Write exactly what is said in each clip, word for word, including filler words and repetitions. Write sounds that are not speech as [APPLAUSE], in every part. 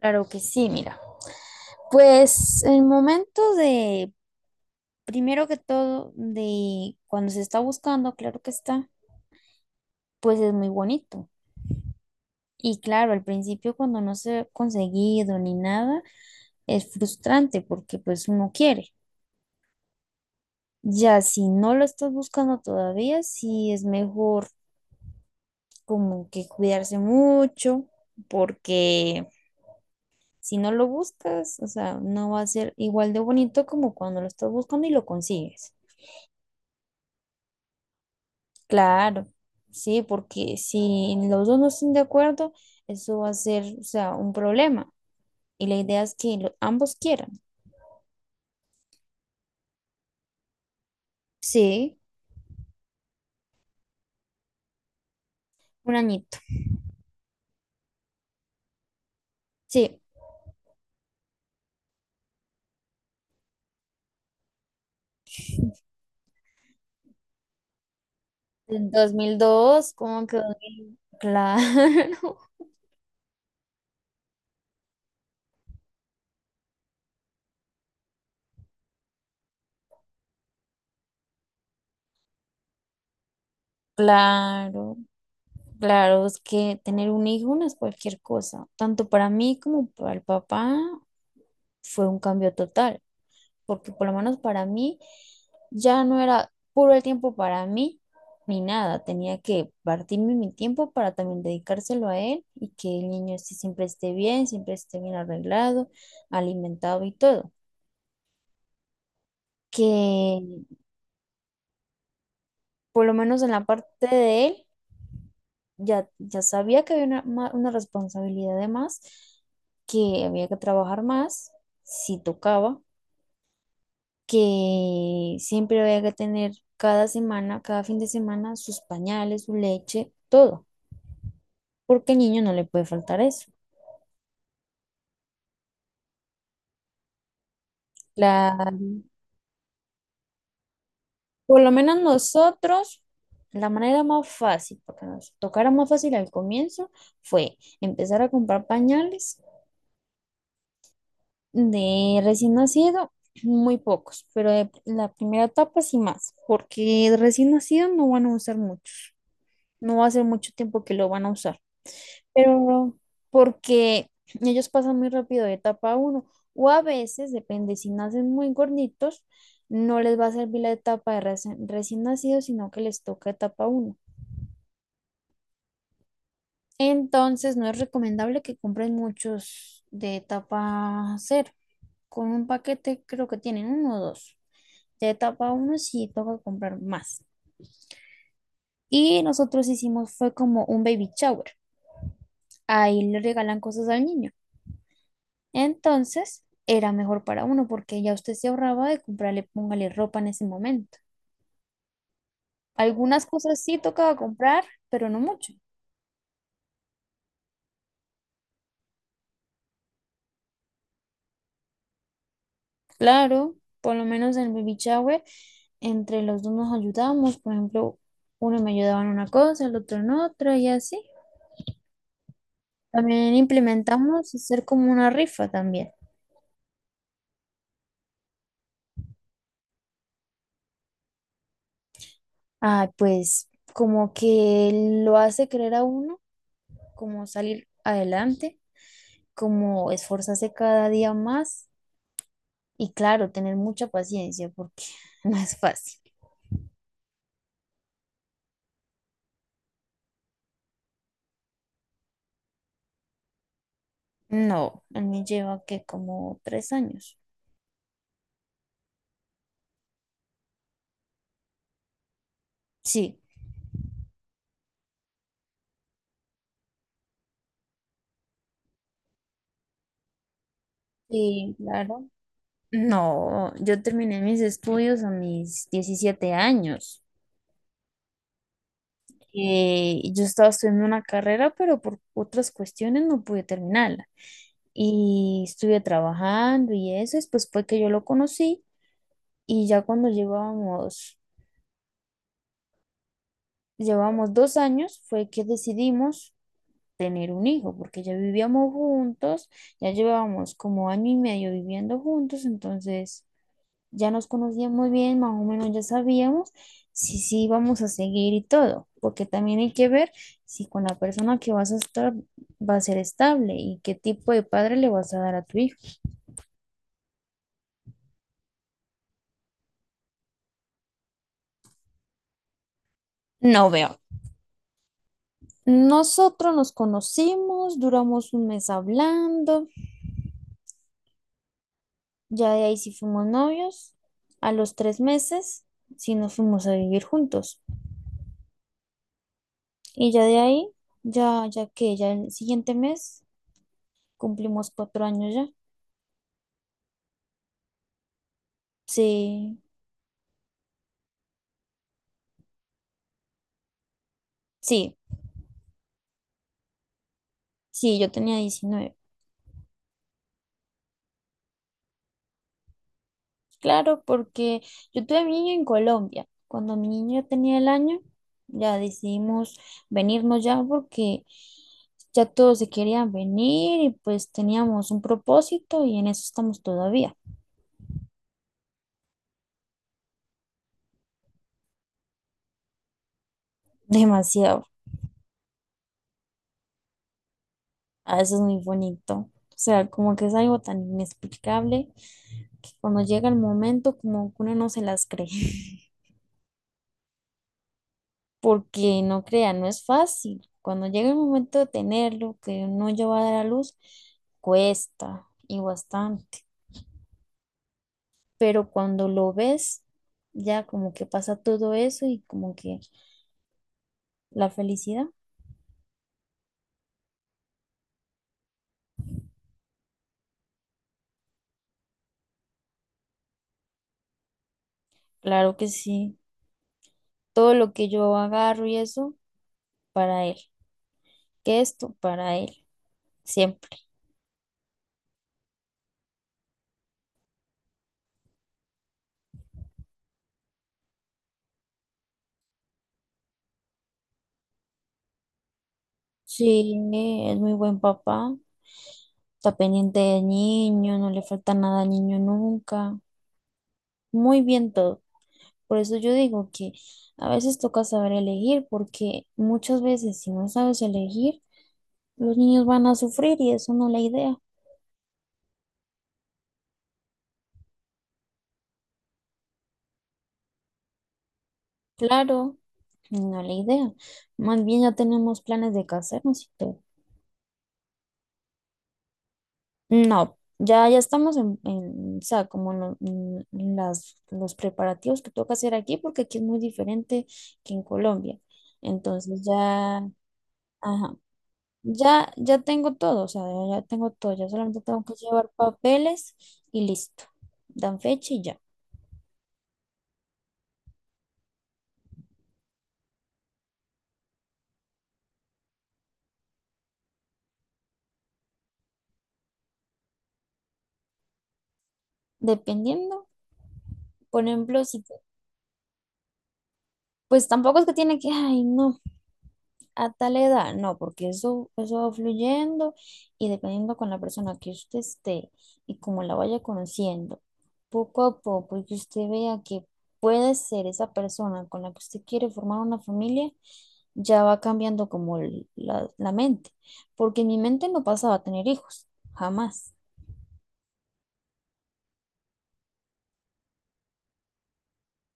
Claro que sí, mira. Pues el momento de, primero que todo, de cuando se está buscando, claro que está, pues es muy bonito. Y claro, al principio cuando no se ha conseguido ni nada, es frustrante porque pues uno quiere. Ya si no lo estás buscando todavía, sí es mejor como que cuidarse mucho porque si no lo buscas, o sea, no va a ser igual de bonito como cuando lo estás buscando y lo consigues. Claro, sí, porque si los dos no están de acuerdo, eso va a ser, o sea, un problema. Y la idea es que lo- ambos quieran. Sí, un añito. Sí, en dos, mil dos, ¿como que dos mil? Claro, [LAUGHS] claro, claro, es que tener un hijo no es cualquier cosa. Tanto para mí como para el papá fue un cambio total. Porque por lo menos para mí ya no era puro el tiempo para mí ni nada, tenía que partirme mi tiempo para también dedicárselo a él y que el niño sí siempre esté bien, siempre esté bien arreglado, alimentado y todo. Que por lo menos en la parte de él ya, ya sabía que había una, ma- una responsabilidad de más, que había que trabajar más si tocaba, que siempre había que tener cada semana, cada fin de semana, sus pañales, su leche, todo, porque al niño no le puede faltar eso. La, por lo menos nosotros, la manera más fácil, porque nos tocara más fácil al comienzo, fue empezar a comprar pañales de recién nacido. Muy pocos, pero de la primera etapa sí más, porque de recién nacido no van a usar muchos, no va a ser mucho tiempo que lo van a usar. Pero no, porque ellos pasan muy rápido de etapa uno o a veces, depende, si nacen muy gorditos, no les va a servir la etapa de reci- recién nacidos, sino que les toca etapa uno. Entonces, no es recomendable que compren muchos de etapa cero. Con un paquete creo que tienen uno o dos. De etapa uno sí toca comprar más. Y nosotros hicimos fue como un baby shower. Ahí le regalan cosas al niño. Entonces, era mejor para uno porque ya usted se ahorraba de comprarle, póngale ropa en ese momento. Algunas cosas sí tocaba comprar, pero no mucho. Claro, por lo menos en el baby shower, entre los dos nos ayudamos. Por ejemplo, uno me ayudaba en una cosa, el otro en otra y así. También implementamos hacer como una rifa también. Ah, pues como que lo hace creer a uno, como salir adelante, como esforzarse cada día más. Y claro, tener mucha paciencia porque [LAUGHS] no es fácil. No, a mí lleva que como tres años. Sí, sí, claro. No, yo terminé mis estudios a mis diecisiete años. Eh, yo estaba estudiando una carrera, pero por otras cuestiones no pude terminarla. Y estuve trabajando y eso, después fue que yo lo conocí y ya cuando llevábamos, llevábamos dos años fue que decidimos tener un hijo, porque ya vivíamos juntos, ya llevábamos como año y medio viviendo juntos, entonces ya nos conocíamos bien, más o menos ya sabíamos si sí íbamos a seguir y todo, porque también hay que ver si con la persona que vas a estar va a ser estable y qué tipo de padre le vas a dar a tu hijo. No veo. Nosotros nos conocimos, duramos un mes hablando, ya de ahí sí fuimos novios. A los tres meses sí nos fuimos a vivir juntos. Y ya de ahí, ya, ya que ya el siguiente mes cumplimos cuatro años ya. Sí, sí, sí, yo tenía diecinueve. Claro, porque yo tuve a mi niño en Colombia. Cuando mi niño tenía el año, ya decidimos venirnos ya porque ya todos se querían venir y pues teníamos un propósito y en eso estamos todavía. [LAUGHS] Demasiado. Ah, eso es muy bonito. O sea, como que es algo tan inexplicable que cuando llega el momento, como que uno no se las cree. [LAUGHS] Porque no crea, no es fácil. Cuando llega el momento de tenerlo, que uno ya va a dar a luz, cuesta y bastante. Pero cuando lo ves, ya como que pasa todo eso y como que la felicidad, claro que sí. Todo lo que yo agarro y eso, para él. Que esto, para él, siempre. Sí, es muy buen papá. Está pendiente del niño, no le falta nada al niño nunca. Muy bien todo. Por eso yo digo que a veces toca saber elegir, porque muchas veces si no sabes elegir, los niños van a sufrir y eso no es la idea. Claro, no es la idea. Más bien ya tenemos planes de casarnos y todo. No, ya, ya estamos en, en, o sea, como en, lo- en- las, los preparativos que toca hacer aquí, porque aquí es muy diferente que en Colombia. Entonces ya, ajá, ya, ya tengo todo, o sea, ya, ya tengo todo, ya solamente tengo que llevar papeles y listo. Dan fecha y ya. Dependiendo, por ejemplo, si, te- pues tampoco es que tiene que, ay, no. A tal edad, no, porque eso, eso va fluyendo y dependiendo con la persona que usted esté y como la vaya conociendo, poco a poco, y que usted vea que puede ser esa persona con la que usted quiere formar una familia, ya va cambiando como el- la, la mente, porque en mi mente no pasaba a tener hijos, jamás.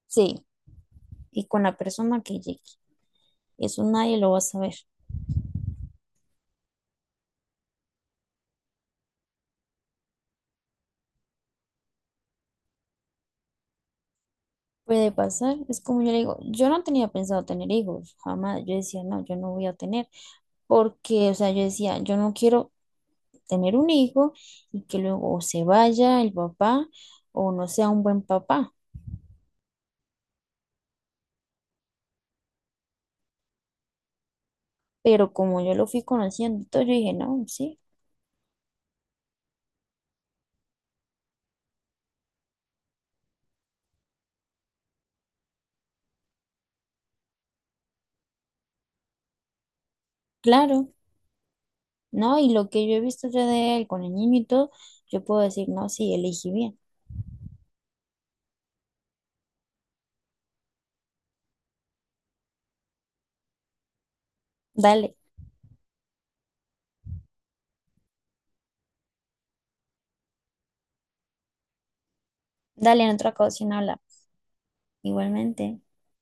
Sí, y con la persona que llegue, eso nadie lo va a saber. Puede pasar, es como yo le digo, yo no tenía pensado tener hijos, jamás, yo decía, no, yo no voy a tener. Porque, o sea, yo decía, yo no quiero tener un hijo y que luego o se vaya el papá o no sea un buen papá. Pero como yo lo fui conociendo, y todo, yo dije, no, sí, claro, no, y lo que yo he visto ya de él con el niño y todo, yo puedo decir, no, sí, elegí bien. Dale, dale, en otra ocasión habla. Igualmente.